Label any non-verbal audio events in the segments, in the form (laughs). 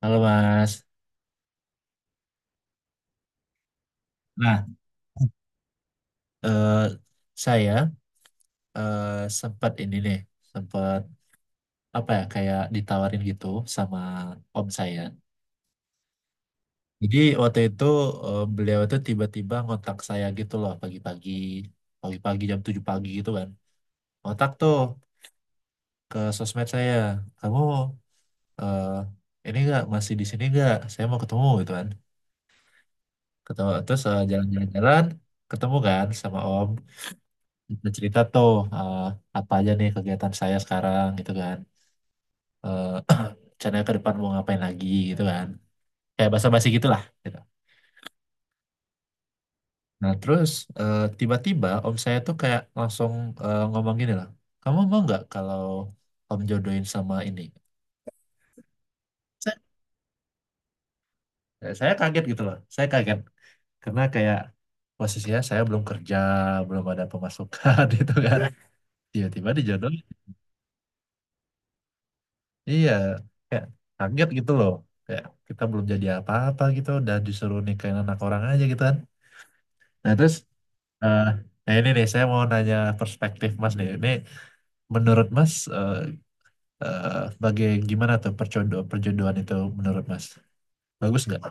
Halo Mas. Nah, eh, saya eh, sempat ini nih, sempat apa ya kayak ditawarin gitu sama om saya. Jadi waktu itu beliau itu tiba-tiba ngontak saya gitu loh pagi-pagi, pagi-pagi jam 7 pagi gitu kan. Ngontak tuh ke sosmed saya, kamu eh, ini enggak masih di sini enggak? Saya mau ketemu gitu kan. Ketemu terus jalan-jalan-jalan, ketemu kan sama om. Kita cerita tuh eh, apa aja nih kegiatan saya sekarang gitu kan. Eh, (clears throat) rencananya ke depan mau ngapain lagi gitu kan. Kayak basa-basi gitu lah gitu. Nah terus tiba-tiba om saya tuh kayak langsung ngomong gini loh. Kamu mau nggak kalau om jodohin sama ini? Saya kaget gitu loh. Saya kaget karena kayak posisinya saya belum kerja, belum ada pemasukan (laughs) gitu kan. Tiba-tiba dijodohin. Iya, kayak kaget gitu loh. Kayak kita belum jadi apa-apa gitu, udah disuruh nikahin anak orang aja gitu kan. Nah terus, eh nah ini nih saya mau nanya perspektif Mas nih. Ini menurut Mas, eh eh, bagai gimana tuh perjodohan, perjodohan itu menurut Mas? Bagus nggak?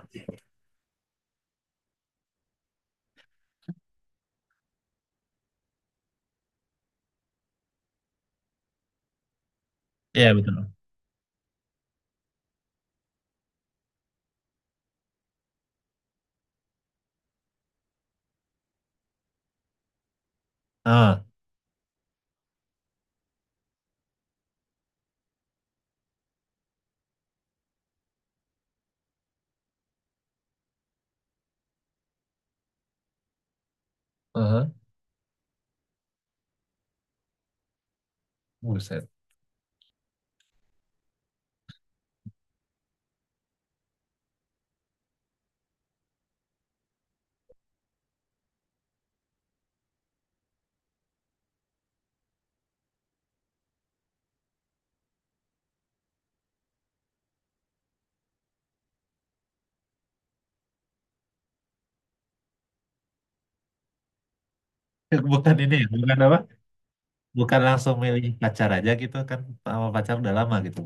Iya betul. Ah, aha. Buset. (laughs) Bukan ini, ya, bukan apa? Bukan langsung milih pacar aja gitu kan, sama pacar udah lama gitu.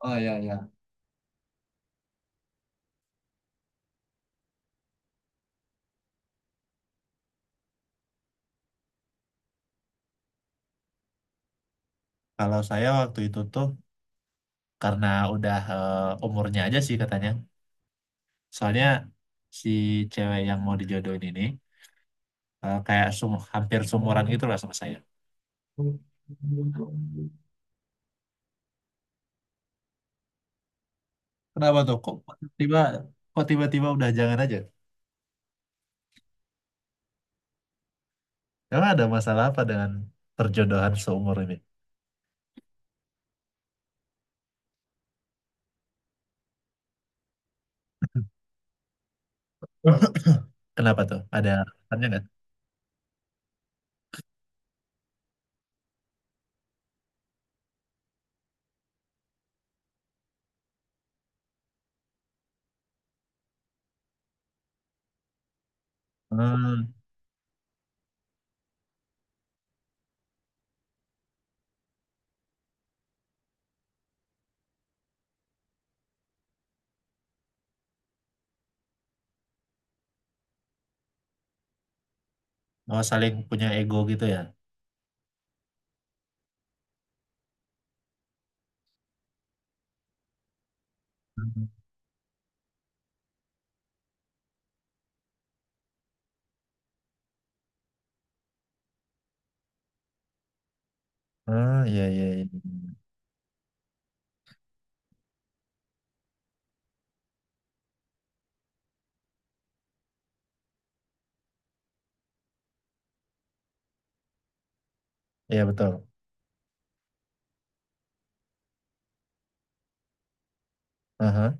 Oh ya ya. Kalau saya waktu itu tuh karena udah eh, umurnya aja sih katanya. Soalnya si cewek yang mau dijodohin ini kayak hampir seumuran gitu lah sama saya. Kenapa tuh? Tiba kok tiba-tiba udah jangan aja? Emang ada masalah apa dengan perjodohan seumur ini? (laughs) Kenapa tuh? Ada alasannya nggak? Hmm, oh saling punya ego gitu ya? Hmm, iya iya iya. Iya, betul. Aha.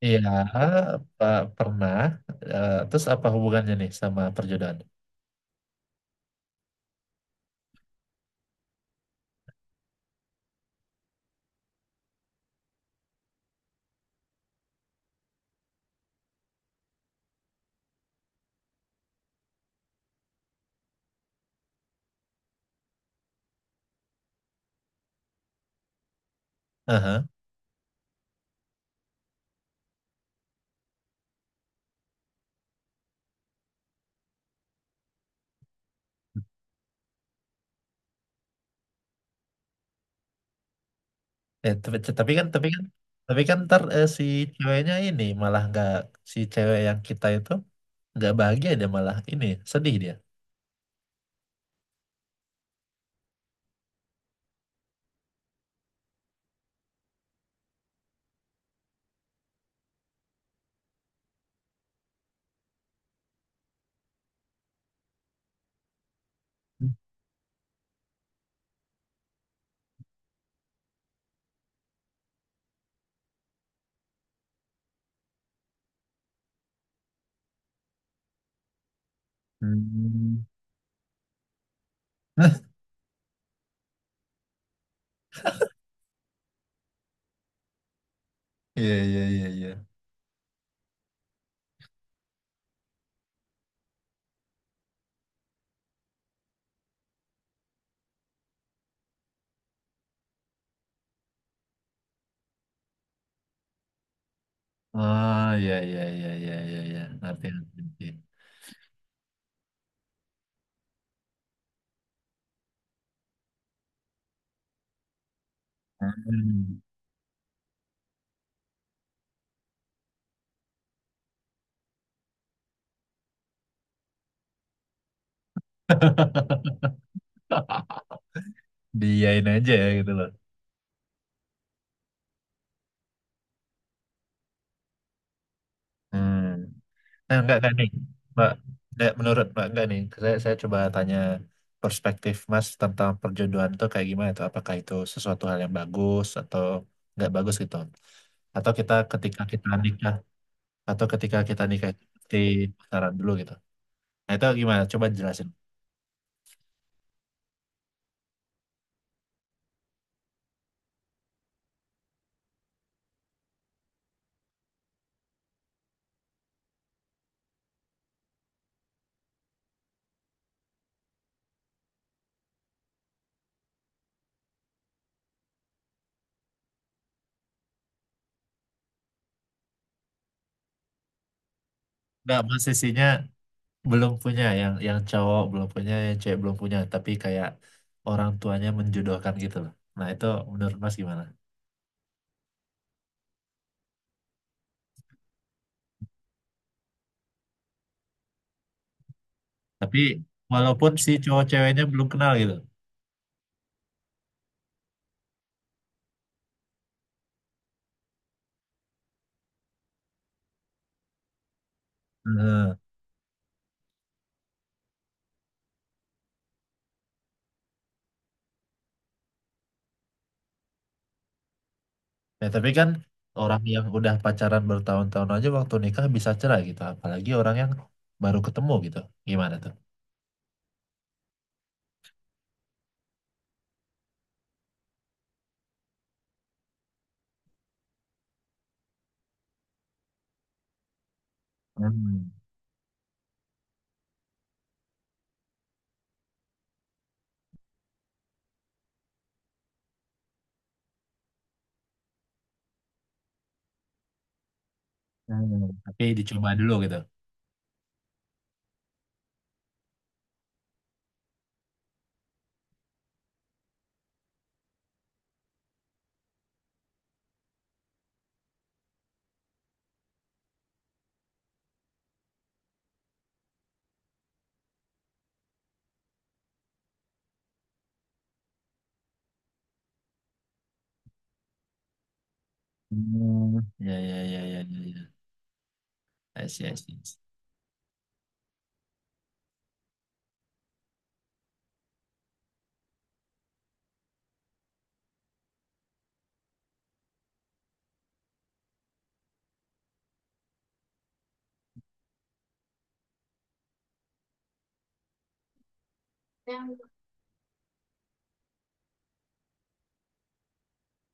Iya, pa- pernah. Eh, terus apa hubungannya nih sama perjodohan? Aha. Eh, tapi, tapi kan, tapi kan, tapi kan ntar si ceweknya ini malah nggak, si cewek yang kita itu nggak bahagia, dia malah ini sedih dia. Hmm. (laughs) Iya, iya, iya, iya. Ah, iya, iya, iya, iya, iya, iya. Ngerti, ngerti, ngerti. Hmm. (laughs) Diain aja ya gitu loh. Hmm. Eh, enggak nih, Mbak. Enggak, menurut Mbak enggak nih. Saya coba tanya perspektif Mas tentang perjodohan itu kayak gimana tuh? Apakah itu sesuatu hal yang bagus atau nggak bagus gitu? Atau kita ketika kita nikah atau ketika kita nikah itu mesti pacaran dulu gitu. Nah, itu gimana? Coba jelasin. Enggak, Mas, sisinya belum punya, yang cowok belum punya, yang cewek belum punya, tapi kayak orang tuanya menjodohkan gitu loh. Nah, itu menurut Mas gimana? Tapi walaupun si cowok ceweknya belum kenal gitu. Heeh. Ya, tapi kan orang yang udah pacaran bertahun-tahun aja waktu nikah bisa cerai gitu. Apalagi orang yang baru ketemu gitu. Gimana tuh? Hmm. Hmm. Tapi dicoba dulu gitu. Hmm. Ya, ya, ya, ya, ya, ya. I see, I see.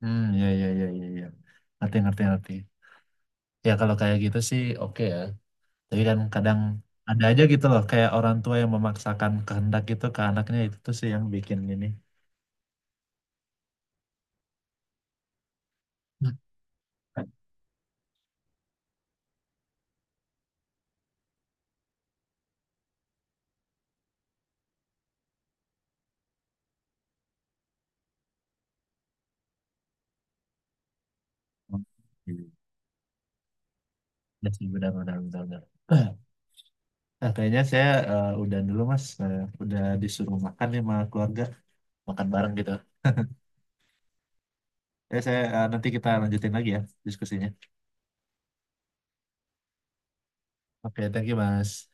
Hmm, ya, ya, ya, ya, ya. Ngerti, ngerti, ngerti. Ya, kalau kayak gitu sih oke ya. Tapi kan kadang ada aja gitu loh. Kayak orang tua yang memaksakan kehendak gitu ke anaknya. Itu tuh sih yang bikin ini. Hmm. Ya sih, benar, benar, benar, benar. (clears throat) Nah, kayaknya saya udah dulu Mas. Udah disuruh makan nih sama keluarga, makan bareng gitu. Ya saya nanti kita lanjutin lagi ya diskusinya. Oke, thank you Mas.